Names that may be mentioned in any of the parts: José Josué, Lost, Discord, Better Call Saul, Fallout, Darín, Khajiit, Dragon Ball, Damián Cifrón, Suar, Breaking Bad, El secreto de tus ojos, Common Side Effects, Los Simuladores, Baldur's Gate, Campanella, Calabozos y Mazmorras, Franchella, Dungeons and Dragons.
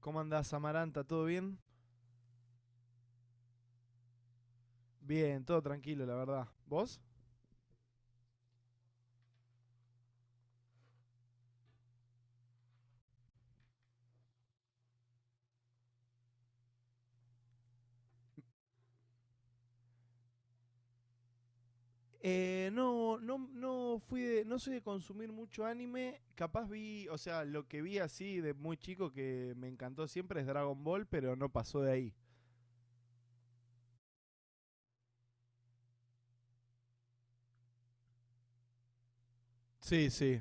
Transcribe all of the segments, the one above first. ¿Cómo andás, Amaranta? ¿Todo bien? Bien, todo tranquilo, la verdad. ¿Vos? No, no, no soy de consumir mucho anime. Capaz o sea, lo que vi así de muy chico que me encantó siempre es Dragon Ball, pero no pasó de ahí. Sí, sí.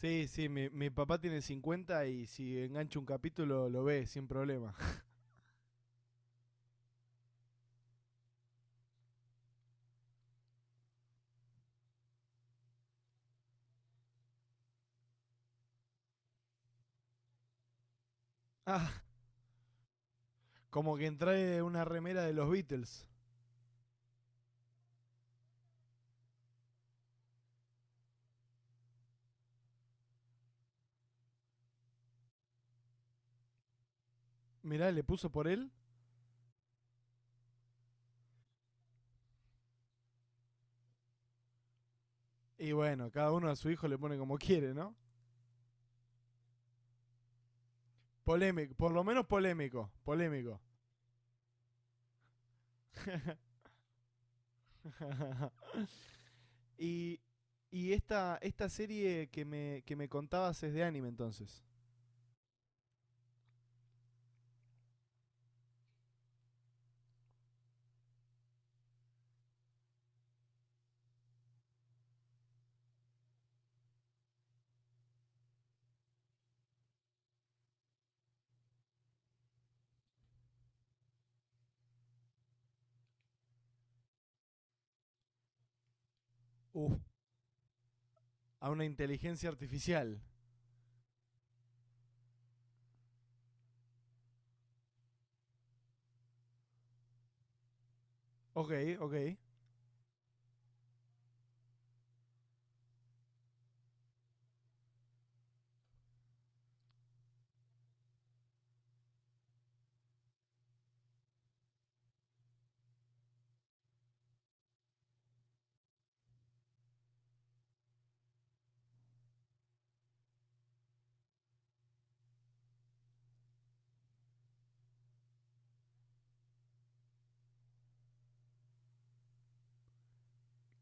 Sí, sí, mi papá tiene 50 y si engancha un capítulo lo ve sin problema. Ah, como que entrae una remera de los Beatles. Mirá, le puso por él. Y bueno, cada uno a su hijo le pone como quiere, ¿no? Polémico, por lo menos polémico, polémico. y y esta serie que me contabas es de anime entonces. Uf, a una inteligencia artificial. Ok, ok.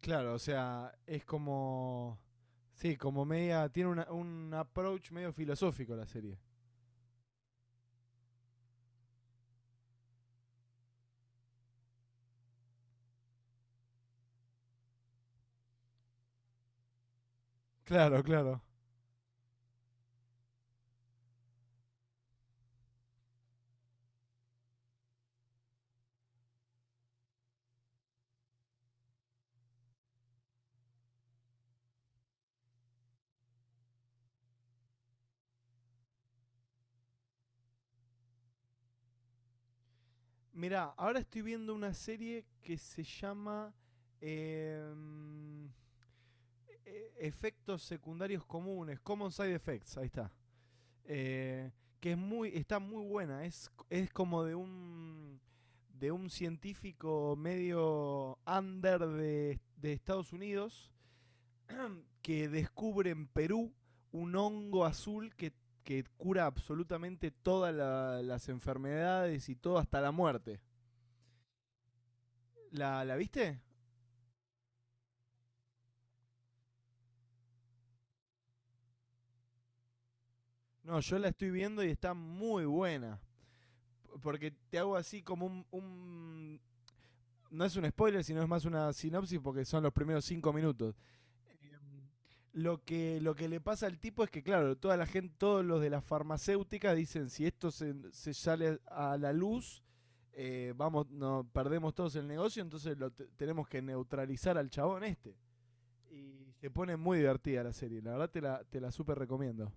Claro, o sea, es como, sí, como media, tiene un approach medio filosófico la serie. Claro, claro. Mirá, ahora estoy viendo una serie que se llama em, efectos secundarios comunes, Common Side Effects, ahí está. eh, que es está muy buena. Es como de un científico medio under de Estados Unidos, que descubre en Perú un hongo azul que cura absolutamente todas las enfermedades y todo hasta la muerte. ¿La viste? No, yo la estoy viendo y está muy buena. Porque te hago así como no es un spoiler, sino es más una sinopsis porque son los primeros 5 minutos. Em, lo que le pasa al tipo es que, claro, toda la gente, todos los de las farmacéuticas dicen, si esto se sale a la luz, vamos, no, perdemos todos el negocio, entonces lo tenemos que neutralizar al chabón este. Y se pone muy divertida la serie, la verdad te la súper recomiendo.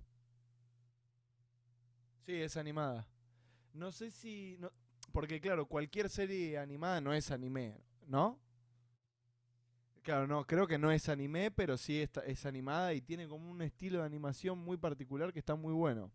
Sí, es animada. No sé si porque claro, cualquier serie animada no es anime, ¿no? Claro, no, creo que no es anime, pero sí, es animada y tiene como un estilo de animación muy particular que está muy bueno.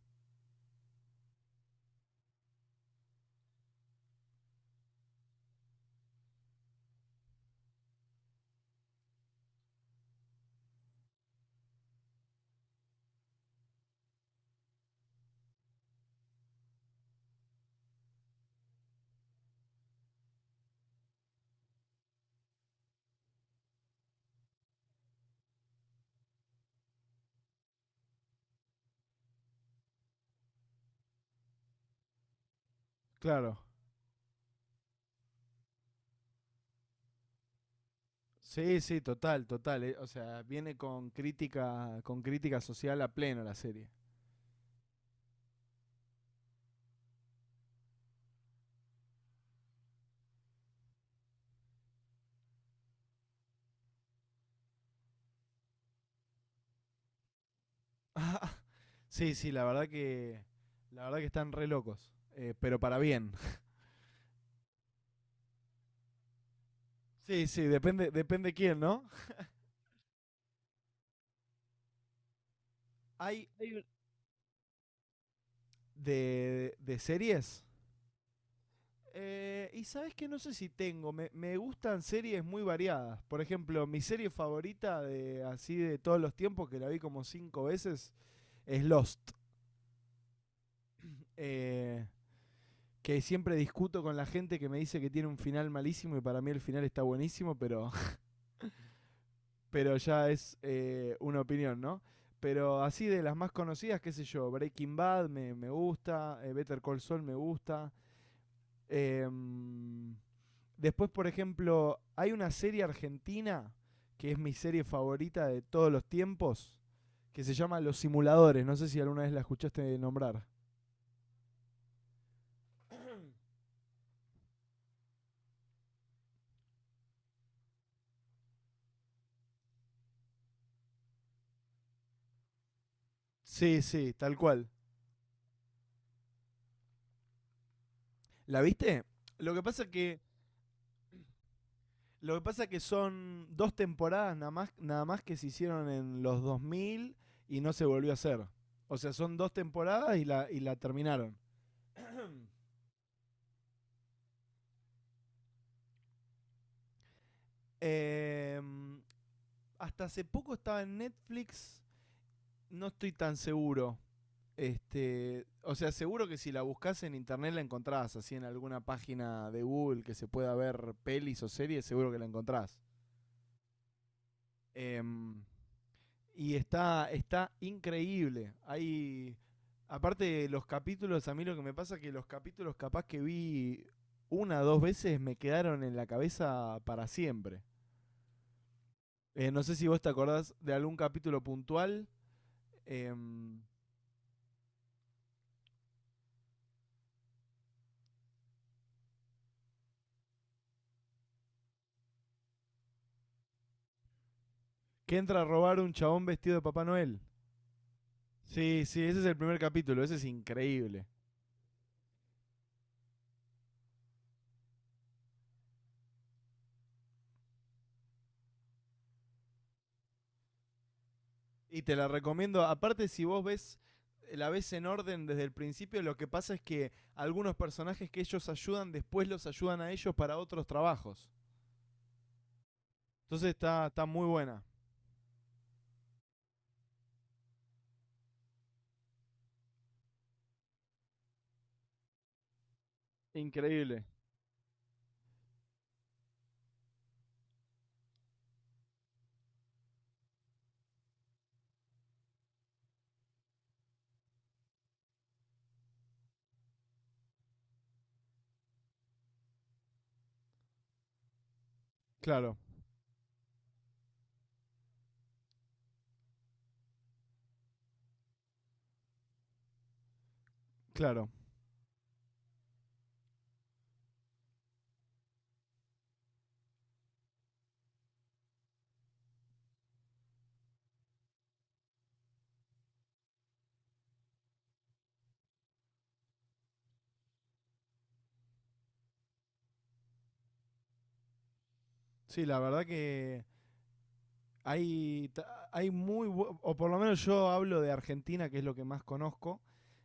Claro. Sí, sí, total, total. O sea, viene con crítica, social a pleno la serie. Sí, sí, la verdad que. La verdad que están re locos. Pero para bien. Sí, sí, depende, depende quién, ¿no? Hay hay un- de series. Y sabes que no sé si me gustan series muy variadas. Por ejemplo, mi serie favorita de así de todos los tiempos, que la vi como cinco veces, es Lost. Eh, que siempre discuto con la gente que me dice que tiene un final malísimo y para mí el final está buenísimo, pero, pero ya es una opinión, ¿no? Pero así de las más conocidas, qué sé yo, Breaking Bad me gusta, Better Call Saul me gusta. em, Después, por ejemplo, hay una serie argentina que es mi serie favorita de todos los tiempos, que se llama Los Simuladores. No sé si alguna vez la escuchaste nombrar. Sí, sí, tal cual. ¿La viste? Lo que pasa es que lo que pasa es que son dos temporadas nada más, nada más que se hicieron en los 2000 y no se volvió a hacer. O sea, son dos temporadas y la terminaron. Eh, Hasta hace poco estaba en Netflix, no estoy tan seguro. O sea, seguro que si la buscas en internet la encontrás, así en alguna página de Google que se pueda ver pelis o series, seguro que la encontrás. Em, y está increíble. Hay. Aparte, los capítulos, a mí lo que me pasa es que los capítulos capaz que vi una o dos veces me quedaron en la cabeza para siempre. No sé si vos te acordás de algún capítulo puntual, em, que entra a robar un chabón vestido de Papá Noel. Sí, sí, ese es el primer capítulo, ese es increíble. Y te la recomiendo, aparte si vos la ves en orden desde el principio, lo que pasa es que algunos personajes que ellos ayudan, después los ayudan a ellos para otros trabajos. Entonces está muy buena. Increíble. Claro, claro. Sí, la verdad que Hay, hay muy, o por lo menos yo hablo de Argentina, que es lo que más conozco.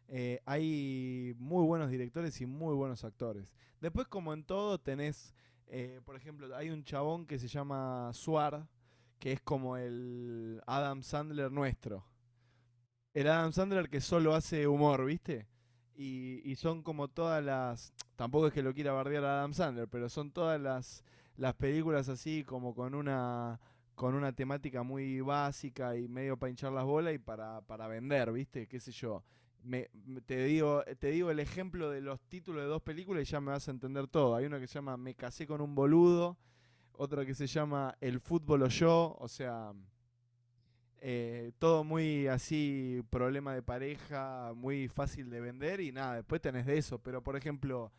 Hay muy buenos directores y muy buenos actores. Después, como en todo, por ejemplo, hay un chabón que se llama Suar, que es como el Adam Sandler nuestro, el Adam Sandler que solo hace humor, ¿viste? Y son como todas las. Tampoco es que lo quiera bardear a Adam Sandler, pero son todas las películas así, como con una temática muy básica y medio para hinchar las bolas y para vender, ¿viste? ¿Qué sé yo? Te digo el ejemplo de los títulos de dos películas y ya me vas a entender todo. Hay una que se llama Me casé con un boludo, otra que se llama El fútbol o yo, o sea, todo muy así, problema de pareja, muy fácil de vender y nada, después tenés de eso. Pero por ejemplo,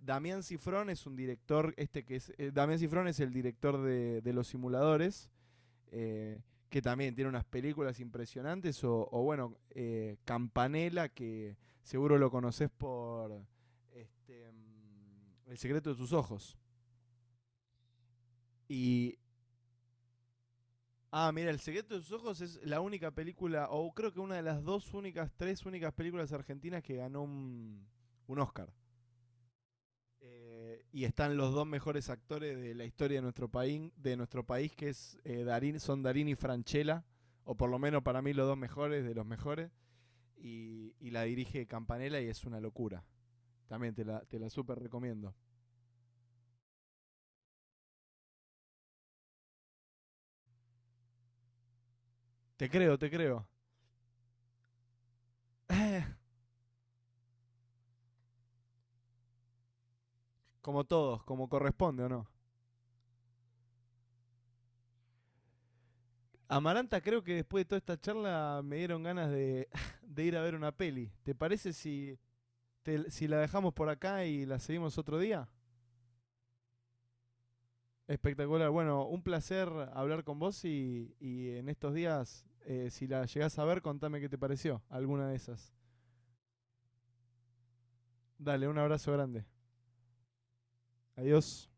Damián Cifrón es un director, este que es, Damián Cifrón es el director de Los Simuladores, eh, que también tiene unas películas impresionantes, o bueno, Campanella, que seguro lo conoces por El secreto de tus ojos. Y Ah, mira, El secreto de sus ojos es la única película, o creo que una de las dos únicas, tres únicas películas argentinas que ganó un Oscar. Y están los dos mejores actores de la historia de nuestro país, son Darín y Franchella, o por lo menos para mí los dos mejores, de los mejores. Y la dirige Campanella y es una locura. También te la súper recomiendo. Te creo, te creo. Como todos, como corresponde o no. Amaranta, creo que después de toda esta charla me dieron ganas de, de ir a ver una peli. ¿Te parece si la dejamos por acá y la seguimos otro día? Espectacular. Bueno, un placer hablar con vos y en estos días, si la llegás a ver, contame qué te pareció, alguna de esas. Dale, un abrazo grande. Adiós.